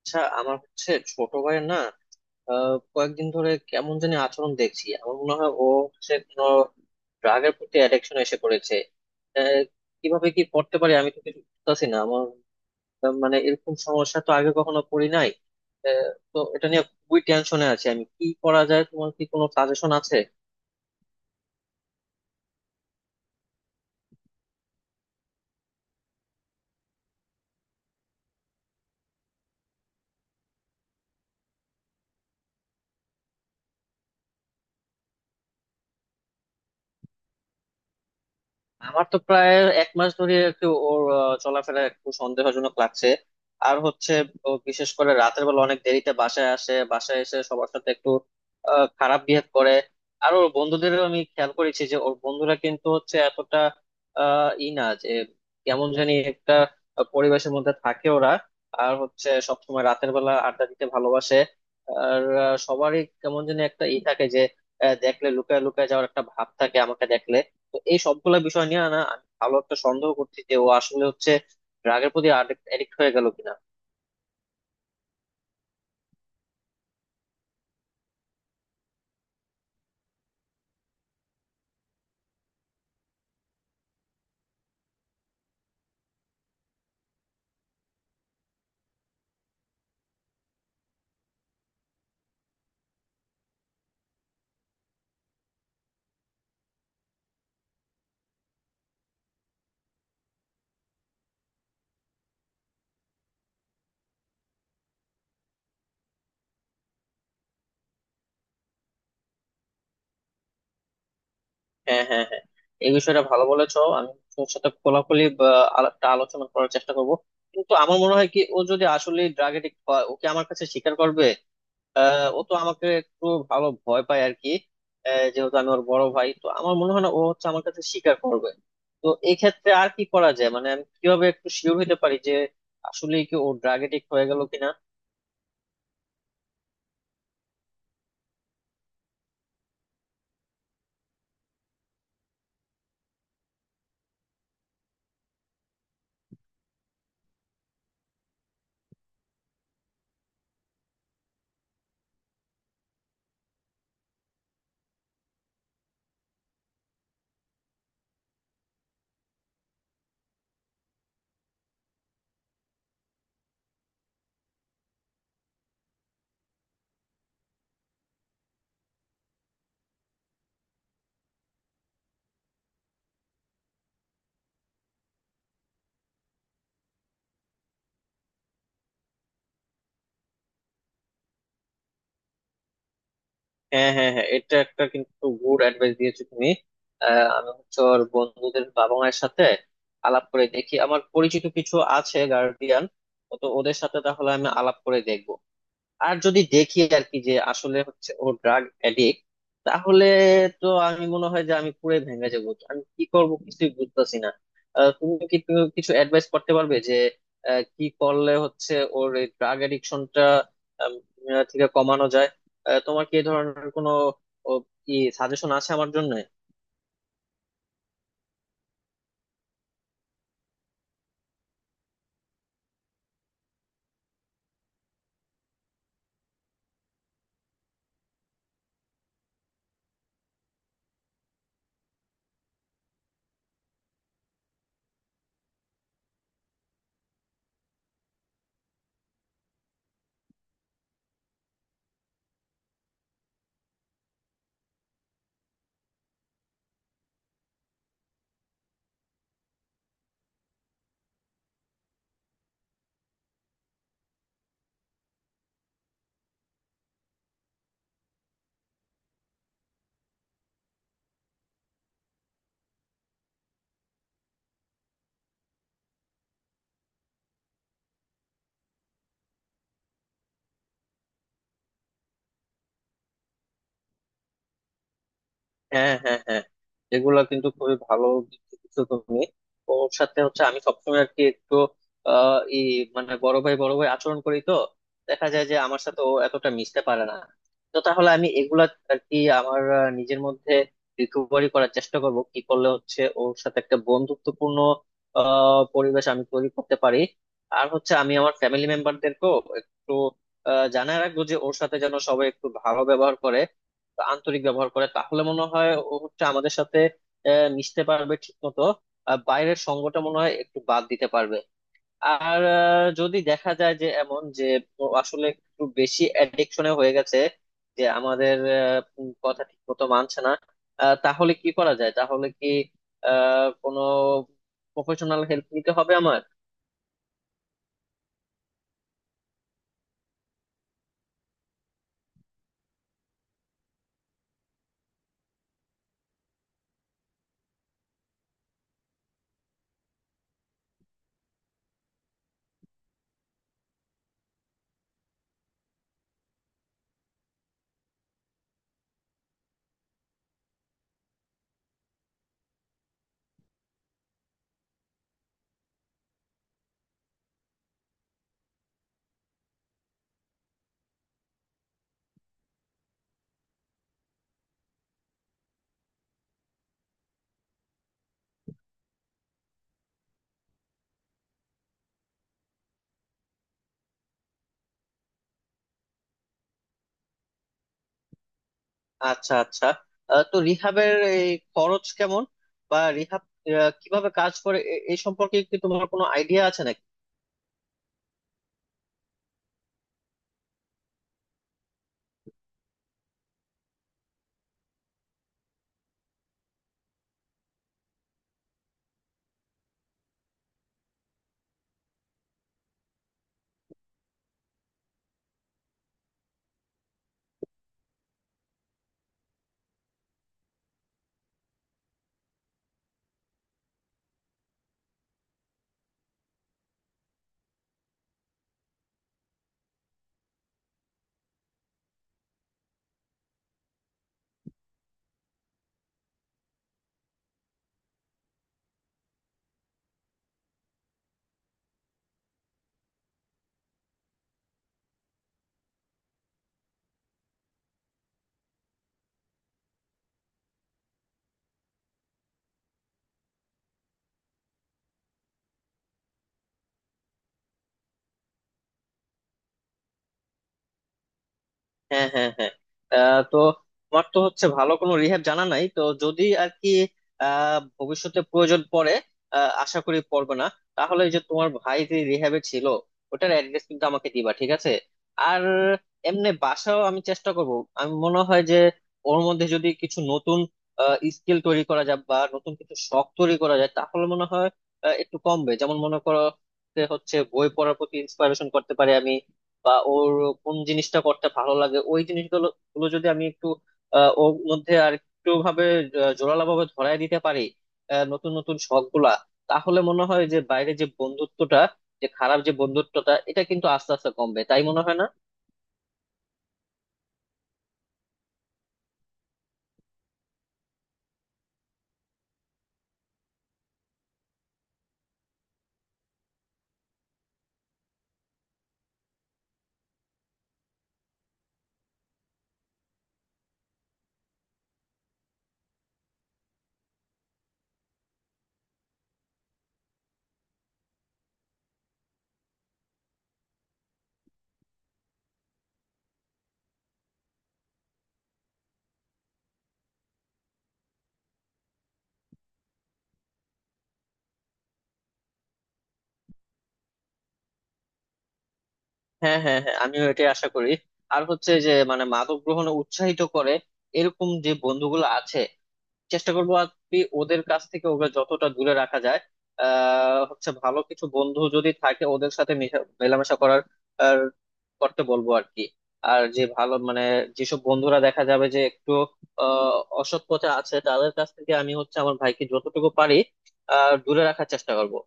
আচ্ছা আমার হচ্ছে ছোট ভাইয়ের না কয়েকদিন ধরে কেমন জানি আচরণ দেখছি আমার মনে হয় ও হচ্ছে কোনো ড্রাগের প্রতি অ্যাডিকশন এসে পড়েছে। আহ, কিভাবে কি করতে পারি আমি তো কিছু বুঝতেছি না আমার মানে এরকম সমস্যা তো আগে কখনো পড়ি নাই। তো এটা নিয়ে খুবই টেনশনে আছি আমি কি করা যায় তোমার কি কোনো সাজেশন আছে? আমার তো প্রায় এক মাস ধরে একটু ওর চলাফেরা একটু সন্দেহজনক লাগছে আর হচ্ছে ও বিশেষ করে রাতের বেলা অনেক দেরিতে বাসায় আসে বাসায় এসে সবার সাথে একটু খারাপ বিহেভ করে। আর ওর বন্ধুদেরও আমি খেয়াল করেছি যে ওর বন্ধুরা কিন্তু হচ্ছে এতটা আহ ই না যে কেমন জানি একটা পরিবেশের মধ্যে থাকে ওরা আর হচ্ছে সবসময় রাতের বেলা আড্ডা দিতে ভালোবাসে। আর সবারই কেমন জানি একটা ই থাকে যে দেখলে লুকায় লুকায় যাওয়ার একটা ভাব থাকে আমাকে দেখলে। তো এই সবগুলা বিষয় নিয়ে না আমি ভালো একটা সন্দেহ করছি যে ও আসলে হচ্ছে ড্রাগের প্রতি অ্যাডিক্ট হয়ে গেল কিনা। হ্যাঁ, হ্যাঁ, হ্যাঁ, এই বিষয়টা ভালো বলেছো আমি তোর সাথে খোলাখুলি বা আলাপটা আলোচনা করার চেষ্টা করব কিন্তু আমার মনে হয় কি ও যদি আসলে ড্রাগ এডিক্ট হয় ওকে আমার কাছে স্বীকার করবে। ও তো আমাকে একটু ভালো ভয় পায় আর কি। যেহেতু আমি ওর বড় ভাই তো আমার মনে হয় না ও হচ্ছে আমার কাছে স্বীকার করবে। তো এই ক্ষেত্রে আর কি করা যায় মানে আমি কিভাবে একটু শিওর হতে পারি যে আসলে কি ও ড্রাগ এডিক্ট হয়ে গেল কিনা? হ্যাঁ, হ্যাঁ, হ্যাঁ, এটা একটা কিন্তু গুড অ্যাডভাইস দিয়েছো তুমি। আমি হচ্ছে ওর বন্ধুদের বাবা মায়ের সাথে আলাপ করে দেখি আমার পরিচিত কিছু আছে গার্ডিয়ান তো ওদের সাথে তাহলে আমি আলাপ করে দেখবো। আর যদি দেখি আর কি যে আসলে হচ্ছে ও ড্রাগ অ্যাডিক্ট তাহলে তো আমি মনে হয় যে আমি পুরো ভেঙে যাবো তো আমি কি করব কিছুই বুঝতেছি না। তুমি কি তুমি কিছু অ্যাডভাইস করতে পারবে যে কি করলে হচ্ছে ওর এই ড্রাগ অ্যাডিকশনটা থেকে কমানো যায়? তোমার কি এই ধরনের কোনো ও, কি সাজেশন আছে আমার জন্য? হ্যাঁ, হ্যাঁ, হ্যাঁ, এগুলা কিন্তু খুবই ভালো বুদ্ধি দিছো তুমি। ওর সাথে হচ্ছে আমি সবসময় আর কি একটু আহ ই মানে বড় ভাই বড় ভাই আচরণ করি তো দেখা যায় যে আমার সাথে ও এতটা মিশতে পারে না। তো তাহলে আমি এগুলা আর কি আমার নিজের মধ্যে রিকভারি করার চেষ্টা করব কি করলে হচ্ছে ওর সাথে একটা বন্ধুত্বপূর্ণ পরিবেশ আমি তৈরি করতে পারি। আর হচ্ছে আমি আমার ফ্যামিলি মেম্বারদেরকেও একটু জানায় রাখবো যে ওর সাথে যেন সবাই একটু ভালো ব্যবহার করে আন্তরিক ব্যবহার করে তাহলে মনে হয় ও হচ্ছে আমাদের সাথে মিশতে পারবে ঠিক মতো আর বাইরের সঙ্গটা মনে হয় একটু বাদ দিতে পারবে। আর যদি দেখা যায় যে এমন যে ও আসলে একটু বেশি অ্যাডিকশনে হয়ে গেছে যে আমাদের কথা ঠিক মতো মানছে না তাহলে কি করা যায় তাহলে কি কোনো প্রফেশনাল হেল্প নিতে হবে আমার? আচ্ছা, আচ্ছা, তো রিহাবের এই খরচ কেমন বা রিহাব কিভাবে কাজ করে এই সম্পর্কে কি তোমার কোনো আইডিয়া আছে নাকি? হ্যাঁ, হ্যাঁ, হ্যাঁ, তো তোমার তো হচ্ছে ভালো কোনো রিহ্যাব জানা নাই তো যদি আর কি ভবিষ্যতে প্রয়োজন পড়ে আশা করি পড়বে না তাহলে ওই যে তোমার ভাই যে রিহ্যাবে ছিল ওটার অ্যাড্রেস কিন্তু আমাকে দিবা ঠিক আছে? আর এমনি বাসাও আমি চেষ্টা করব আমি মনে হয় যে ওর মধ্যে যদি কিছু নতুন স্কিল তৈরি করা যায় বা নতুন কিছু শখ তৈরি করা যায় তাহলে মনে হয় একটু কমবে যেমন মনে করো যে হচ্ছে বই পড়ার প্রতি ইন্সপায়ারেশন করতে পারি আমি বা ওর কোন জিনিসটা করতে ভালো লাগে ওই জিনিসগুলো গুলো যদি আমি একটু ওর মধ্যে আর একটু ভাবে জোরালো ভাবে ধরায় দিতে পারি নতুন নতুন শখ গুলা তাহলে মনে হয় যে বাইরে যে বন্ধুত্বটা যে খারাপ যে বন্ধুত্বটা এটা কিন্তু আস্তে আস্তে কমবে তাই মনে হয় না? হ্যাঁ, হ্যাঁ, হ্যাঁ, আমিও এটাই আশা করি। আর হচ্ছে যে মানে মাদক গ্রহণে উৎসাহিত করে এরকম যে বন্ধুগুলো আছে চেষ্টা করবো আর কি ওদের কাছ থেকে ওকে যতটা দূরে রাখা যায়। হচ্ছে ভালো কিছু বন্ধু যদি থাকে ওদের সাথে মেলামেশা করার আর করতে বলবো আর কি। আর যে ভালো মানে যেসব বন্ধুরা দেখা যাবে যে একটু অসৎ পথে আছে তাদের কাছ থেকে আমি হচ্ছে আমার ভাইকে যতটুকু পারি দূরে রাখার চেষ্টা করবো।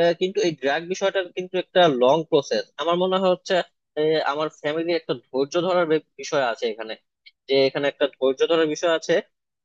কিন্তু এই ড্রাগ বিষয়টা কিন্তু একটা লং প্রসেস আমার মনে হয় হচ্ছে আহ, আমার ফ্যামিলির একটা ধৈর্য ধরার বিষয় আছে এখানে যে এখানে একটা ধৈর্য ধরার বিষয় আছে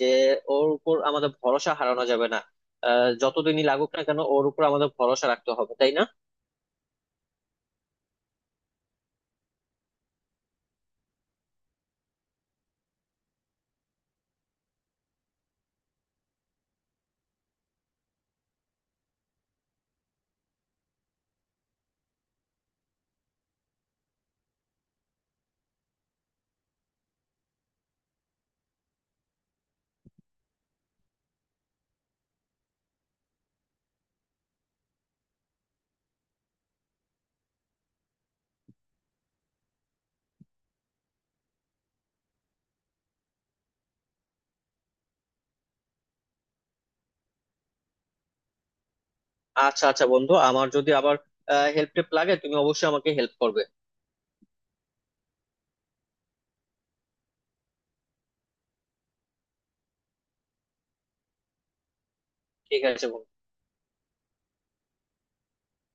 যে ওর উপর আমাদের ভরসা হারানো যাবে না। যতদিনই লাগুক না কেন ওর উপর আমাদের ভরসা রাখতে হবে তাই না? আচ্ছা, আচ্ছা বন্ধু আমার যদি আবার হেল্প টেল্প লাগে তুমি অবশ্যই আমাকে হেল্প করবে। ঠিক আছে বন্ধু।